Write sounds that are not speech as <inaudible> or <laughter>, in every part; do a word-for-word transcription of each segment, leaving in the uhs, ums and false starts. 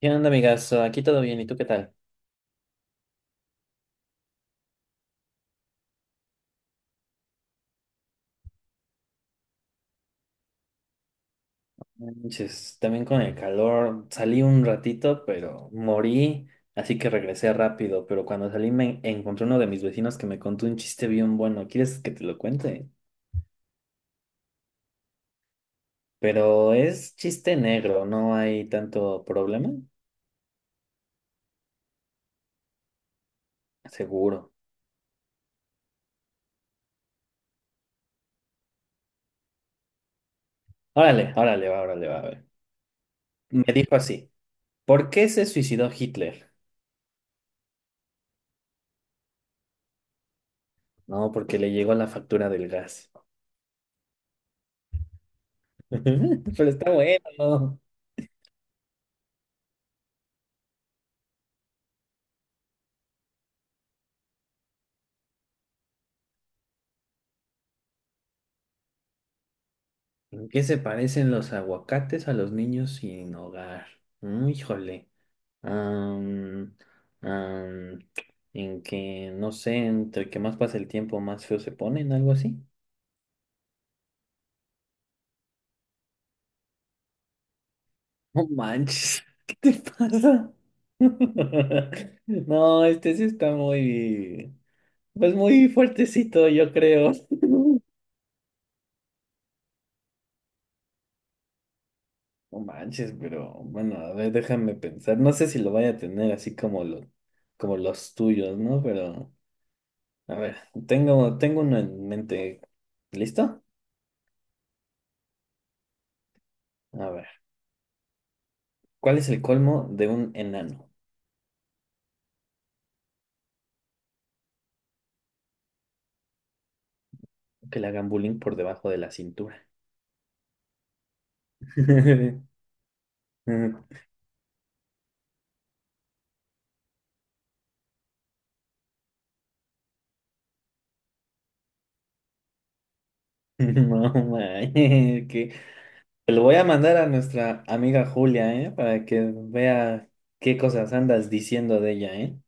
¿Qué onda, amigazo? Aquí todo bien, ¿y tú qué tal? No manches, también con el calor. Salí un ratito, pero morí, así que regresé rápido. Pero cuando salí me encontré uno de mis vecinos que me contó un chiste bien bueno. ¿Quieres que te lo cuente? Pero es chiste negro, no hay tanto problema. Seguro. Órale, órale, va, órale, va, a ver. Me dijo así, ¿por qué se suicidó Hitler? No, porque le llegó la factura del gas. <laughs> Pero está bueno. ¿En qué se parecen los aguacates a los niños sin hogar? Mm, híjole. Am, am, en que, no sé, entre que más pasa el tiempo, más feo se ponen, algo así. No manches, <laughs> ¿qué te pasa? <laughs> No, este sí está muy, pues muy fuertecito, yo creo. <laughs> No manches, pero bueno, a ver, déjame pensar. No sé si lo vaya a tener así como, lo, como los tuyos, ¿no? Pero... A ver, tengo, tengo uno en mente. ¿Listo? A ver, ¿cuál es el colmo de un enano? Que le hagan bullying por debajo de la cintura. <laughs> No, ma, <laughs> que te lo voy a mandar a nuestra amiga Julia, ¿eh? Para que vea qué cosas andas diciendo de ella, ¿eh?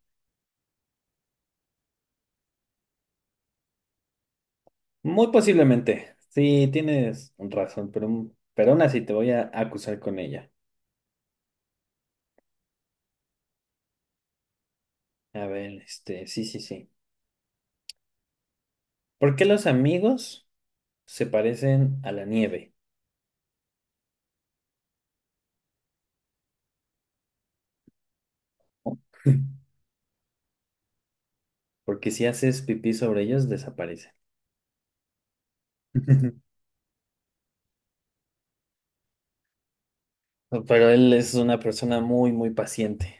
Muy posiblemente. Sí, tienes razón, pero, pero aún así te voy a acusar con ella. A ver, este, sí, sí, sí. ¿Por qué los amigos se parecen a la nieve? <laughs> Porque si haces pipí sobre ellos, desaparecen. <laughs> Pero él es una persona muy, muy paciente.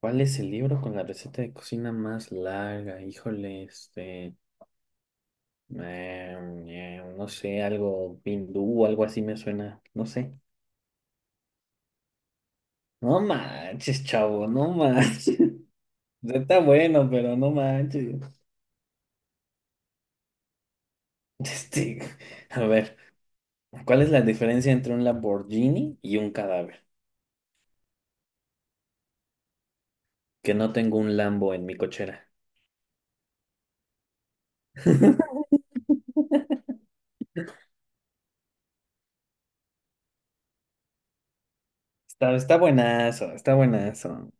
¿Cuál es el libro con la receta de cocina más larga? Híjole, este, em, em, no sé, algo hindú, algo así me suena, no sé. No manches, chavo, no manches. <laughs> Está bueno, pero no manches. <laughs> Este, a ver, ¿cuál es la diferencia entre un Lamborghini y un cadáver? Que no tengo un Lambo en mi cochera. <laughs> Está, está buenazo, está buenazo.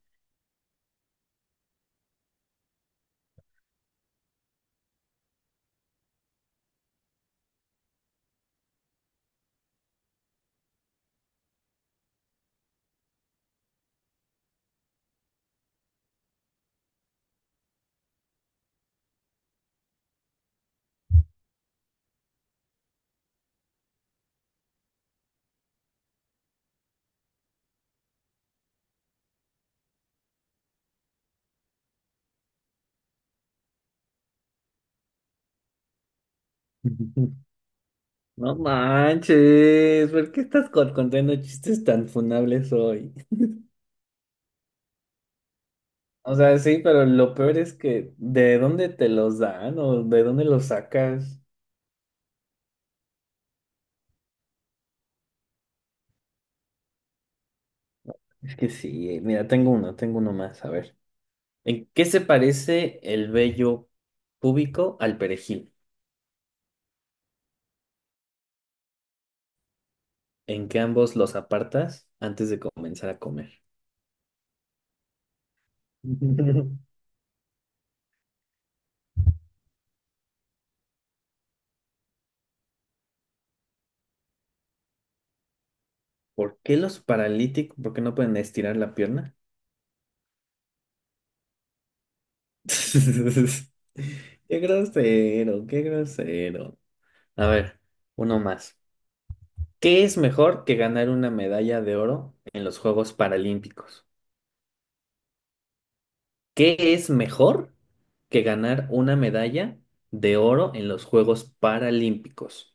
<laughs> No manches, ¿por qué estás con- contando chistes tan funables hoy? O sea, sí, pero lo peor es que ¿de dónde te los dan o de dónde los sacas? Es que sí, eh, mira, tengo uno, tengo uno más, a ver. ¿En qué se parece el vello púbico al perejil? ¿En qué ambos los apartas antes de comenzar a comer? <laughs> ¿Por qué los paralíticos, por qué no pueden estirar la pierna? <laughs> Qué grosero, qué grosero. A ver, uno más. ¿Qué es mejor que ganar una medalla de oro en los Juegos Paralímpicos? ¿Qué es mejor que ganar una medalla de oro en los Juegos Paralímpicos?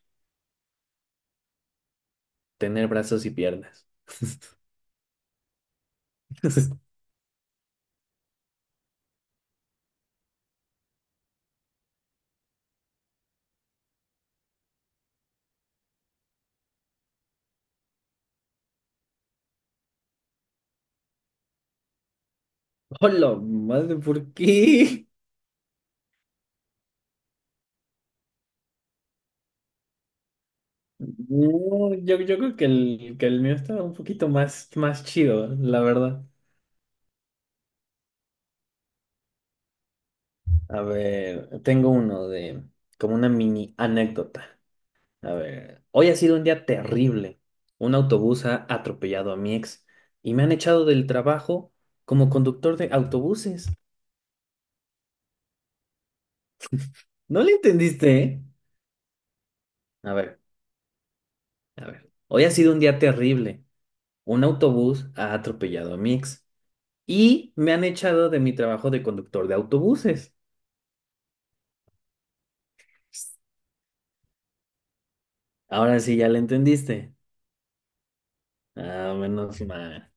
Tener brazos y piernas. <laughs> Hola, madre, ¿por qué? No, yo, yo creo que el, que el mío estaba un poquito más, más chido, la verdad. A ver, tengo uno de como una mini anécdota. A ver, hoy ha sido un día terrible. Un autobús ha atropellado a mi ex y me han echado del trabajo como conductor de autobuses. ¿No le entendiste, eh? A ver, a ver. Hoy ha sido un día terrible. Un autobús ha atropellado a mi ex y me han echado de mi trabajo de conductor de autobuses. Ahora sí ya le entendiste. Ah, menos mal.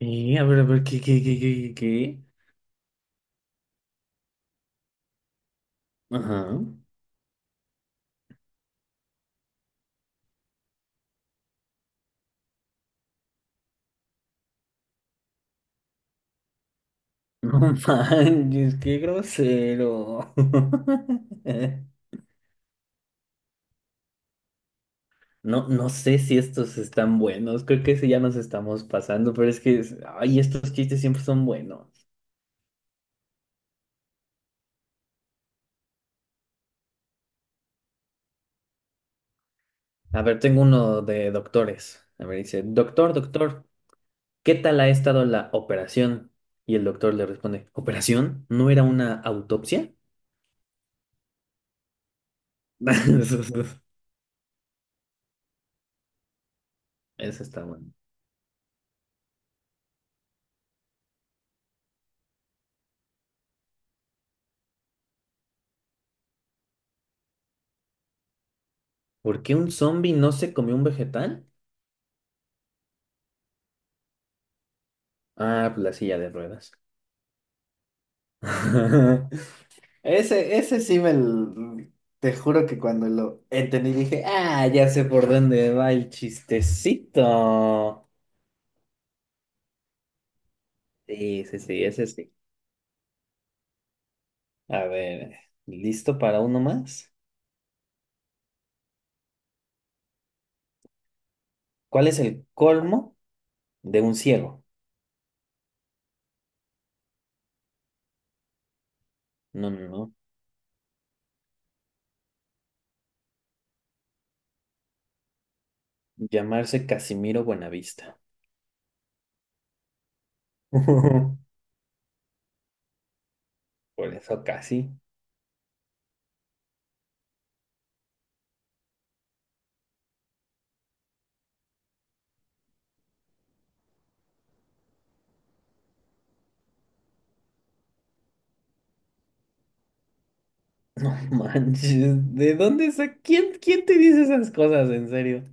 Eh, a ver, a ver, ¿qué, qué, qué, qué, ¿qué? Ajá. <laughs> No manches, qué grosero. <laughs> No, no sé si estos están buenos. Creo que sí ya nos estamos pasando, pero es que, es- ay, estos chistes siempre son buenos. A ver, tengo uno de doctores. A ver, dice, doctor, doctor, ¿qué tal ha estado la operación? Y el doctor le responde, ¿operación? ¿No era una autopsia? <laughs> Eso Eso está bueno. ¿Por qué un zombie no se comió un vegetal? Ah, pues la silla de ruedas. <laughs> Ese, ese sí me... l- Te juro que cuando lo entendí dije, ah, ya sé por dónde va el chistecito. Sí, sí, sí, ese sí. A ver, ¿listo para uno más? ¿Cuál es el colmo de un ciego? No, no, no. Llamarse Casimiro Buenavista. <laughs> Por eso casi. <laughs> No manches, ¿de dónde sa- ¿Quién, quién te dice esas cosas, en serio?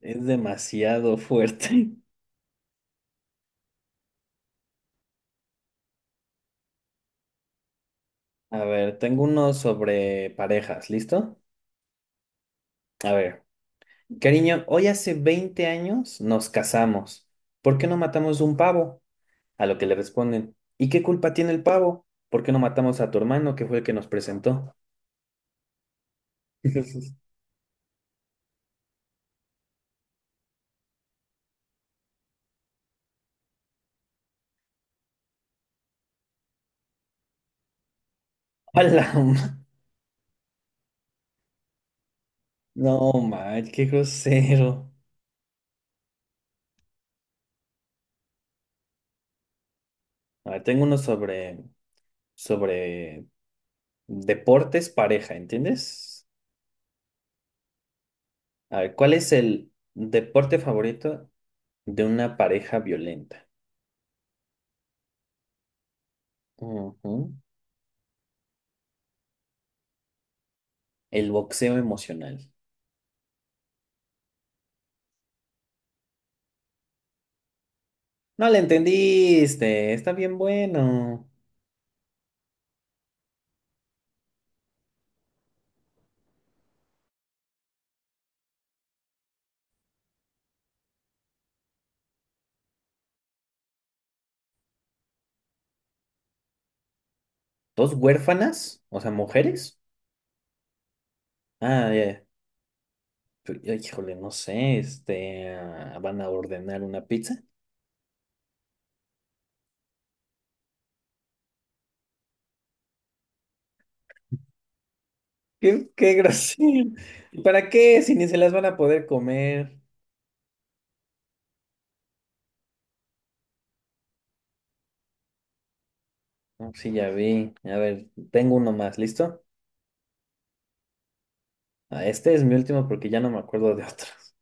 Es demasiado fuerte. A ver, tengo uno sobre parejas, ¿listo? A ver, cariño, hoy hace veinte años nos casamos. ¿Por qué no matamos un pavo? A lo que le responden, ¿y qué culpa tiene el pavo? ¿Por qué no matamos a tu hermano que fue el que nos presentó? <laughs> ¡Hala! No, man, qué grosero. A ver, tengo uno sobre, sobre deportes pareja, ¿entiendes? A ver, ¿cuál es el deporte favorito de una pareja violenta? Ujú. El boxeo emocional. No le entendiste, está bien bueno. ¿Dos huérfanas? O sea, mujeres. Ah, ya. Pero, ay, híjole, no sé, este, ah, van a ordenar una pizza. Qué, qué <laughs> grosero. ¿Para qué? Si ni se las van a poder comer. No, sí, ya vi. A ver, tengo uno más, ¿listo? Ah, este es mi último porque ya no me acuerdo de <laughs> otros.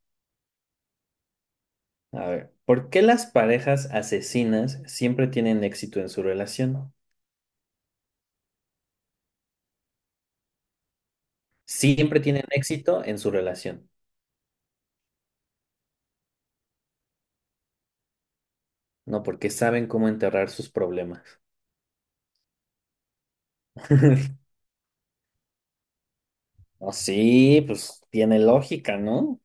A ver, ¿por qué las parejas asesinas siempre tienen éxito en su relación? Siempre tienen éxito en su relación. No, porque saben cómo enterrar sus problemas. <laughs> No, sí, pues tiene lógica, ¿no?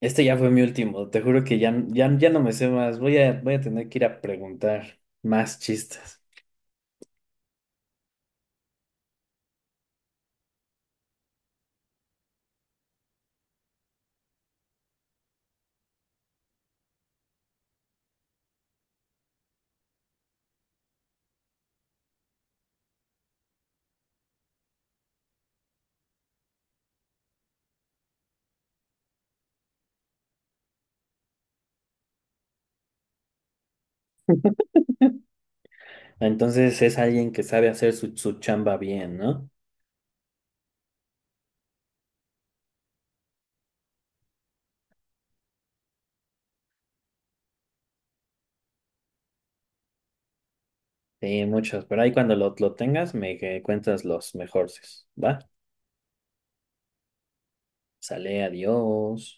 Este ya fue mi último, te juro que ya, ya, ya no me sé más, voy a, voy a tener que ir a preguntar más chistes. Entonces es alguien que sabe hacer su, su chamba bien, ¿no? Sí, muchos, pero ahí cuando lo, lo tengas me eh, cuentas los mejores, ¿va? Sale, adiós.